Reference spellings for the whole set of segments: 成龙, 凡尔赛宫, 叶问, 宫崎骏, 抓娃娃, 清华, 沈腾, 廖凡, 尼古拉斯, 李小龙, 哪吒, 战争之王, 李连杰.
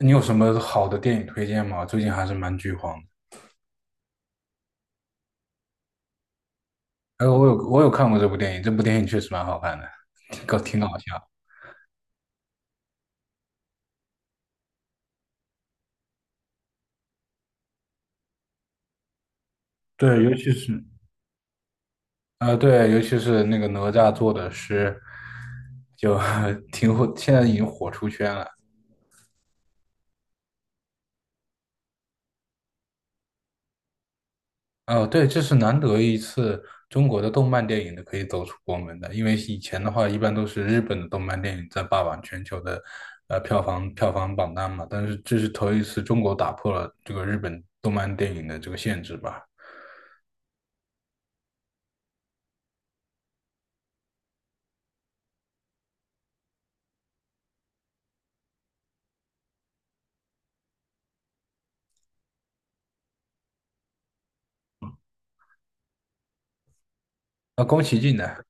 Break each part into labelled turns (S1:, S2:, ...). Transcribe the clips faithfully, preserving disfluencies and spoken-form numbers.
S1: 你有什么好的电影推荐吗？最近还是蛮剧荒的。哎，我有我有看过这部电影，这部电影确实蛮好看的，挺搞挺搞笑。对，尤其是呃，对，尤其是那个哪吒做的诗，就 挺火，现在已经火出圈了。哦，对，这是难得一次中国的动漫电影的可以走出国门的，因为以前的话一般都是日本的动漫电影在霸榜全球的呃票房票房榜单嘛，但是这是头一次中国打破了这个日本动漫电影的这个限制吧。啊，宫崎骏的，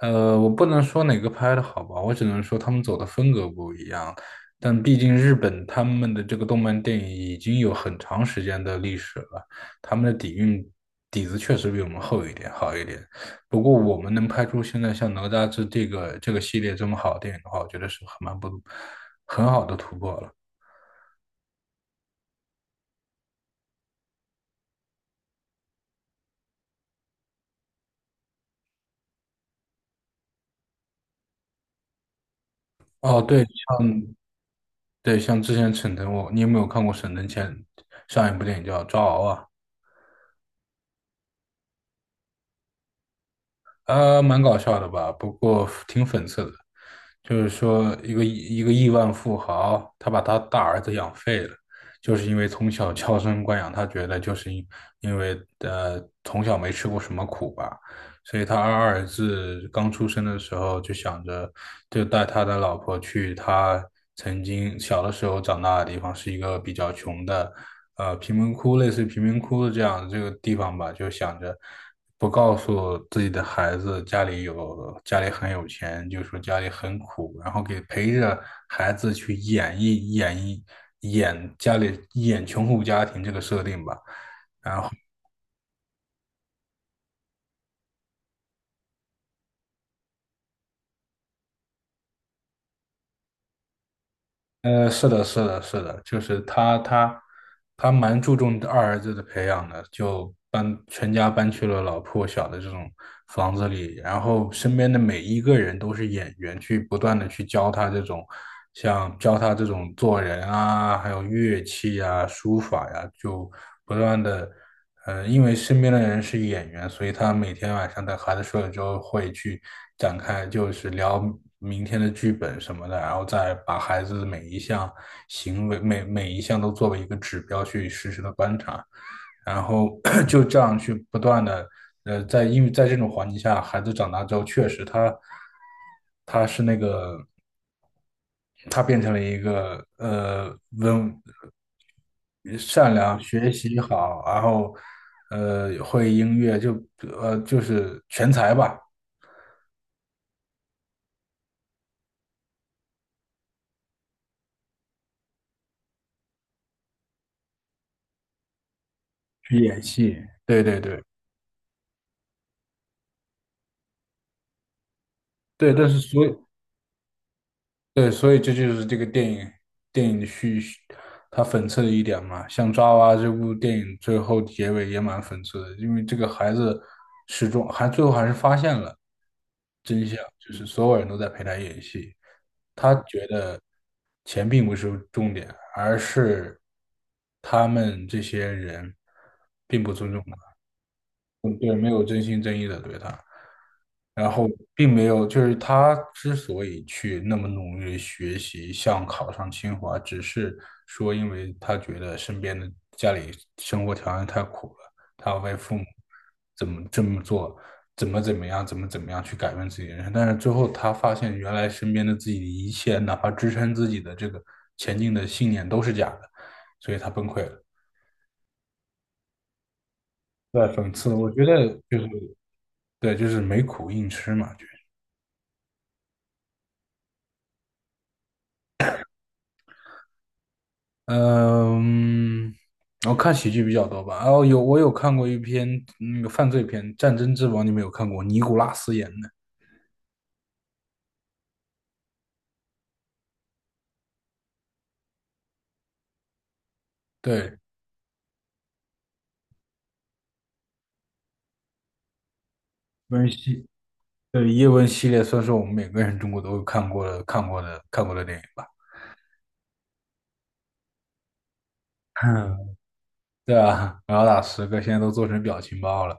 S1: 呃，我不能说哪个拍的好吧，我只能说他们走的风格不一样。但毕竟日本他们的这个动漫电影已经有很长时间的历史了，他们的底蕴底子确实比我们厚一点，好一点。不过我们能拍出现在像哪吒这这个这个系列这么好的电影的话，我觉得是很蛮不很好的突破了。哦，对对，像之前沈腾，我你有没有看过沈腾前上一部电影叫《抓娃娃》？呃，蛮搞笑的吧，不过挺讽刺的。就是说，一个一个亿万富豪，他把他大儿子养废了，就是因为从小娇生惯养，他觉得就是因因为呃从小没吃过什么苦吧，所以他二儿子刚出生的时候就想着，就带他的老婆去他曾经小的时候长大的地方，是一个比较穷的。呃贫民窟，类似于贫民窟的这样的这个地方吧，就想着不告诉自己的孩子家里有家里很有钱，就说家里很苦，然后给陪着孩子去演绎演绎演家里演穷苦家庭这个设定吧。呃，是的，是的，是的，就是他，他，他蛮注重二儿子的培养的，就搬全家搬去了老破小的这种房子里，然后身边的每一个人都是演员，去不断的去教他这种，像教他这种做人啊，还有乐器啊、书法呀、就不断的。呃，因为身边的人是演员，所以他每天晚上等孩子睡了之后，会去展开，就是聊明天的剧本什么的，然后再把孩子的每一项行为、每每一项都作为一个指标去实时的观察，然后 就这样去不断的，呃，在因为在这种环境下，孩子长大之后，确实他他是那个他变成了一个呃温。善良，学习好，然后呃会音乐，就呃就是全才吧，去演戏。对对对对，但是所以对，所以这就是这个电影电影的叙叙它讽刺的一点嘛。像《抓娃娃》这部电影最后结尾也蛮讽刺的，因为这个孩子始终还最后还是发现了真相，就是所有人都在陪他演戏。钱并不是重点，而是他们这些人并不尊重。嗯，对，没有真心真意的对他，然后并没有，就是他之所以去那么努力学习，想考上清华，只是说因为他觉得身边的家里生活条件太苦了，他要为父母怎么这么做，怎么怎么样，怎么怎么样去改变自己的人生，但是最后他发现原来身边的自己的一切，哪怕支撑自己的这个前进的信念都是假的，所以他崩溃了。在讽刺，我觉得就是。对，就是没苦硬吃嘛，就是嗯，我看喜剧比较多吧。哦，有我有看过一篇那个犯罪片《战争之王》，你们有看过？尼古拉斯演的，对，温系，对，叶问系列算是我们每个人中国都有看过的、看过的、看过的电影吧。对啊，然后打十个，现在都做成表情包了。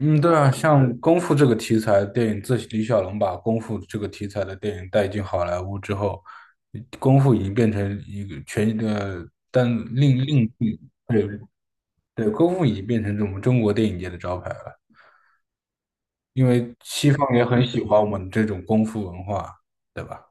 S1: 嗯，对啊，像功夫这个题材电影，自李小龙把功夫这个题材的电影带进好莱坞之后，功夫已经变成一个全呃，但另另对对，功夫已经变成我们中国电影界的招牌了，因为西方也很喜欢我们这种功夫文化，对吧？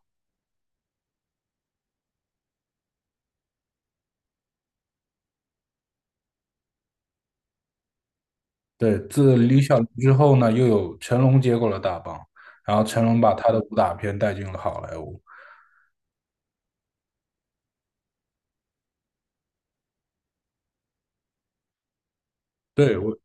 S1: 对，自李小龙之后呢，又有成龙接过了大棒，然后成龙把他的武打片带进了好莱坞。对，我。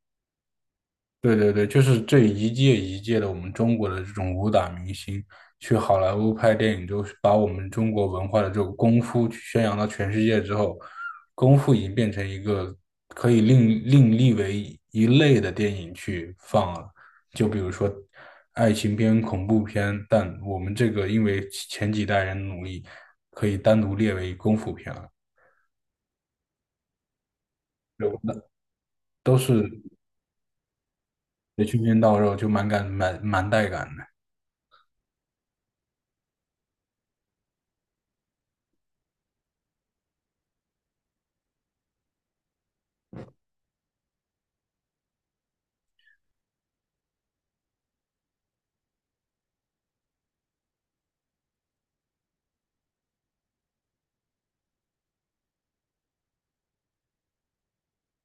S1: 对对对，就是这一届一届的我们中国的这种武打明星去好莱坞拍电影，就是把我们中国文化的这种功夫去宣扬到全世界之后，功夫已经变成一个可以另另立为一类的电影去放了。就比如说爱情片、恐怖片，但我们这个因为前几代人努力，可以单独列为功夫片了。那都是得拳拳到肉，就蛮感蛮蛮带感的。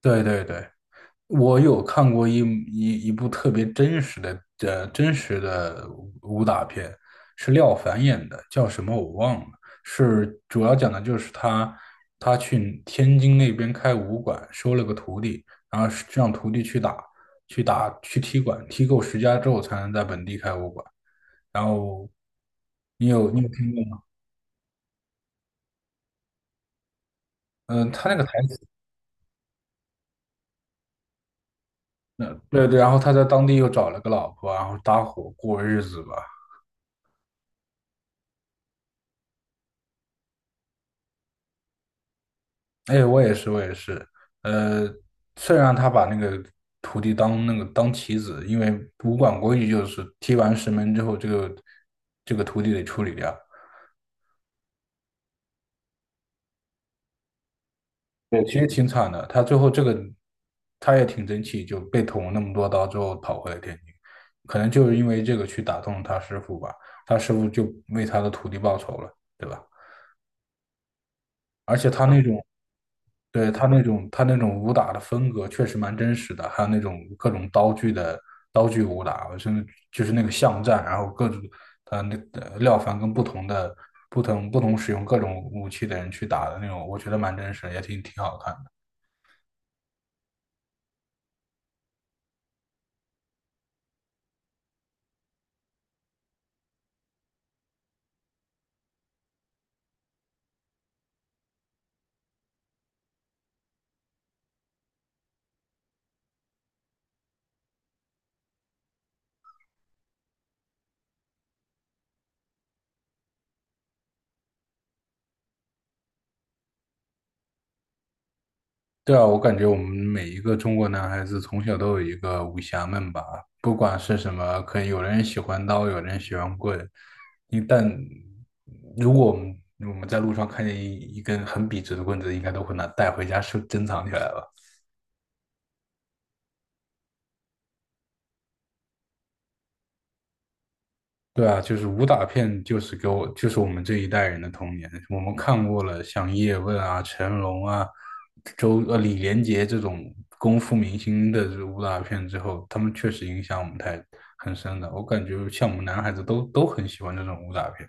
S1: 对对对。我有看过一一一部特别真实的呃真实的武打片，是廖凡演的，叫什么我忘了。是主要讲的就是他他去天津那边开武馆，收了个徒弟，然后是让徒弟去打去打去踢馆，踢够十家之后才能在本地开武馆。然后你有你有听过吗？嗯、他那个台词，嗯，对对，然后他在当地又找了个老婆，然后搭伙过日子吧。哎，我也是，我也是。呃，虽然他把那个徒弟当那个当棋子，因为武馆规矩就是踢完石门之后，这个这个徒弟得处理掉。对其实挺惨的，他最后这个他也挺争气，就被捅了那么多刀之后跑回了天津，可能就是因为这个去打动他师傅吧，他师傅就为他的徒弟报仇了，对吧？而且他那种对，他那种他那种武打的风格确实蛮真实的，还有那种各种刀具的刀具武打，甚至就是那个巷战，然后各种他那呃廖凡跟不同的不同不同使用各种武器的人去打的那种，我觉得蛮真实的也挺挺好看。对啊，我感觉我们每一个中国男孩子从小都有一个武侠梦吧，不管是什么，可能有的人喜欢刀，有的人喜欢棍。一旦如果我们我们在路上看见一一根很笔直的棍子，应该都会拿带回家收珍藏起来吧。对啊，就是武打片，就是给我，就是我们这一代人的童年。我们看过了像叶问啊、成龙啊、周呃李连杰这种功夫明星的这武打片之后，他们确实影响我们太很深的。我感觉像我们男孩子都都很喜欢这种武打片。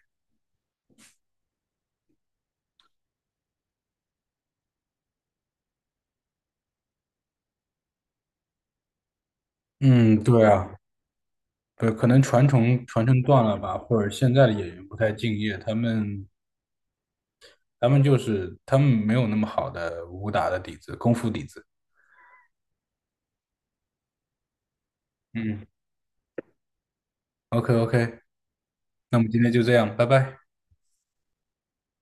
S1: 嗯，对啊，对，可能传承传承断了吧，或者现在的演员不太敬业，他们他们就是他们没有那么好的武打的底子、功夫底子。嗯，OK OK，那我们今天就这样，拜拜。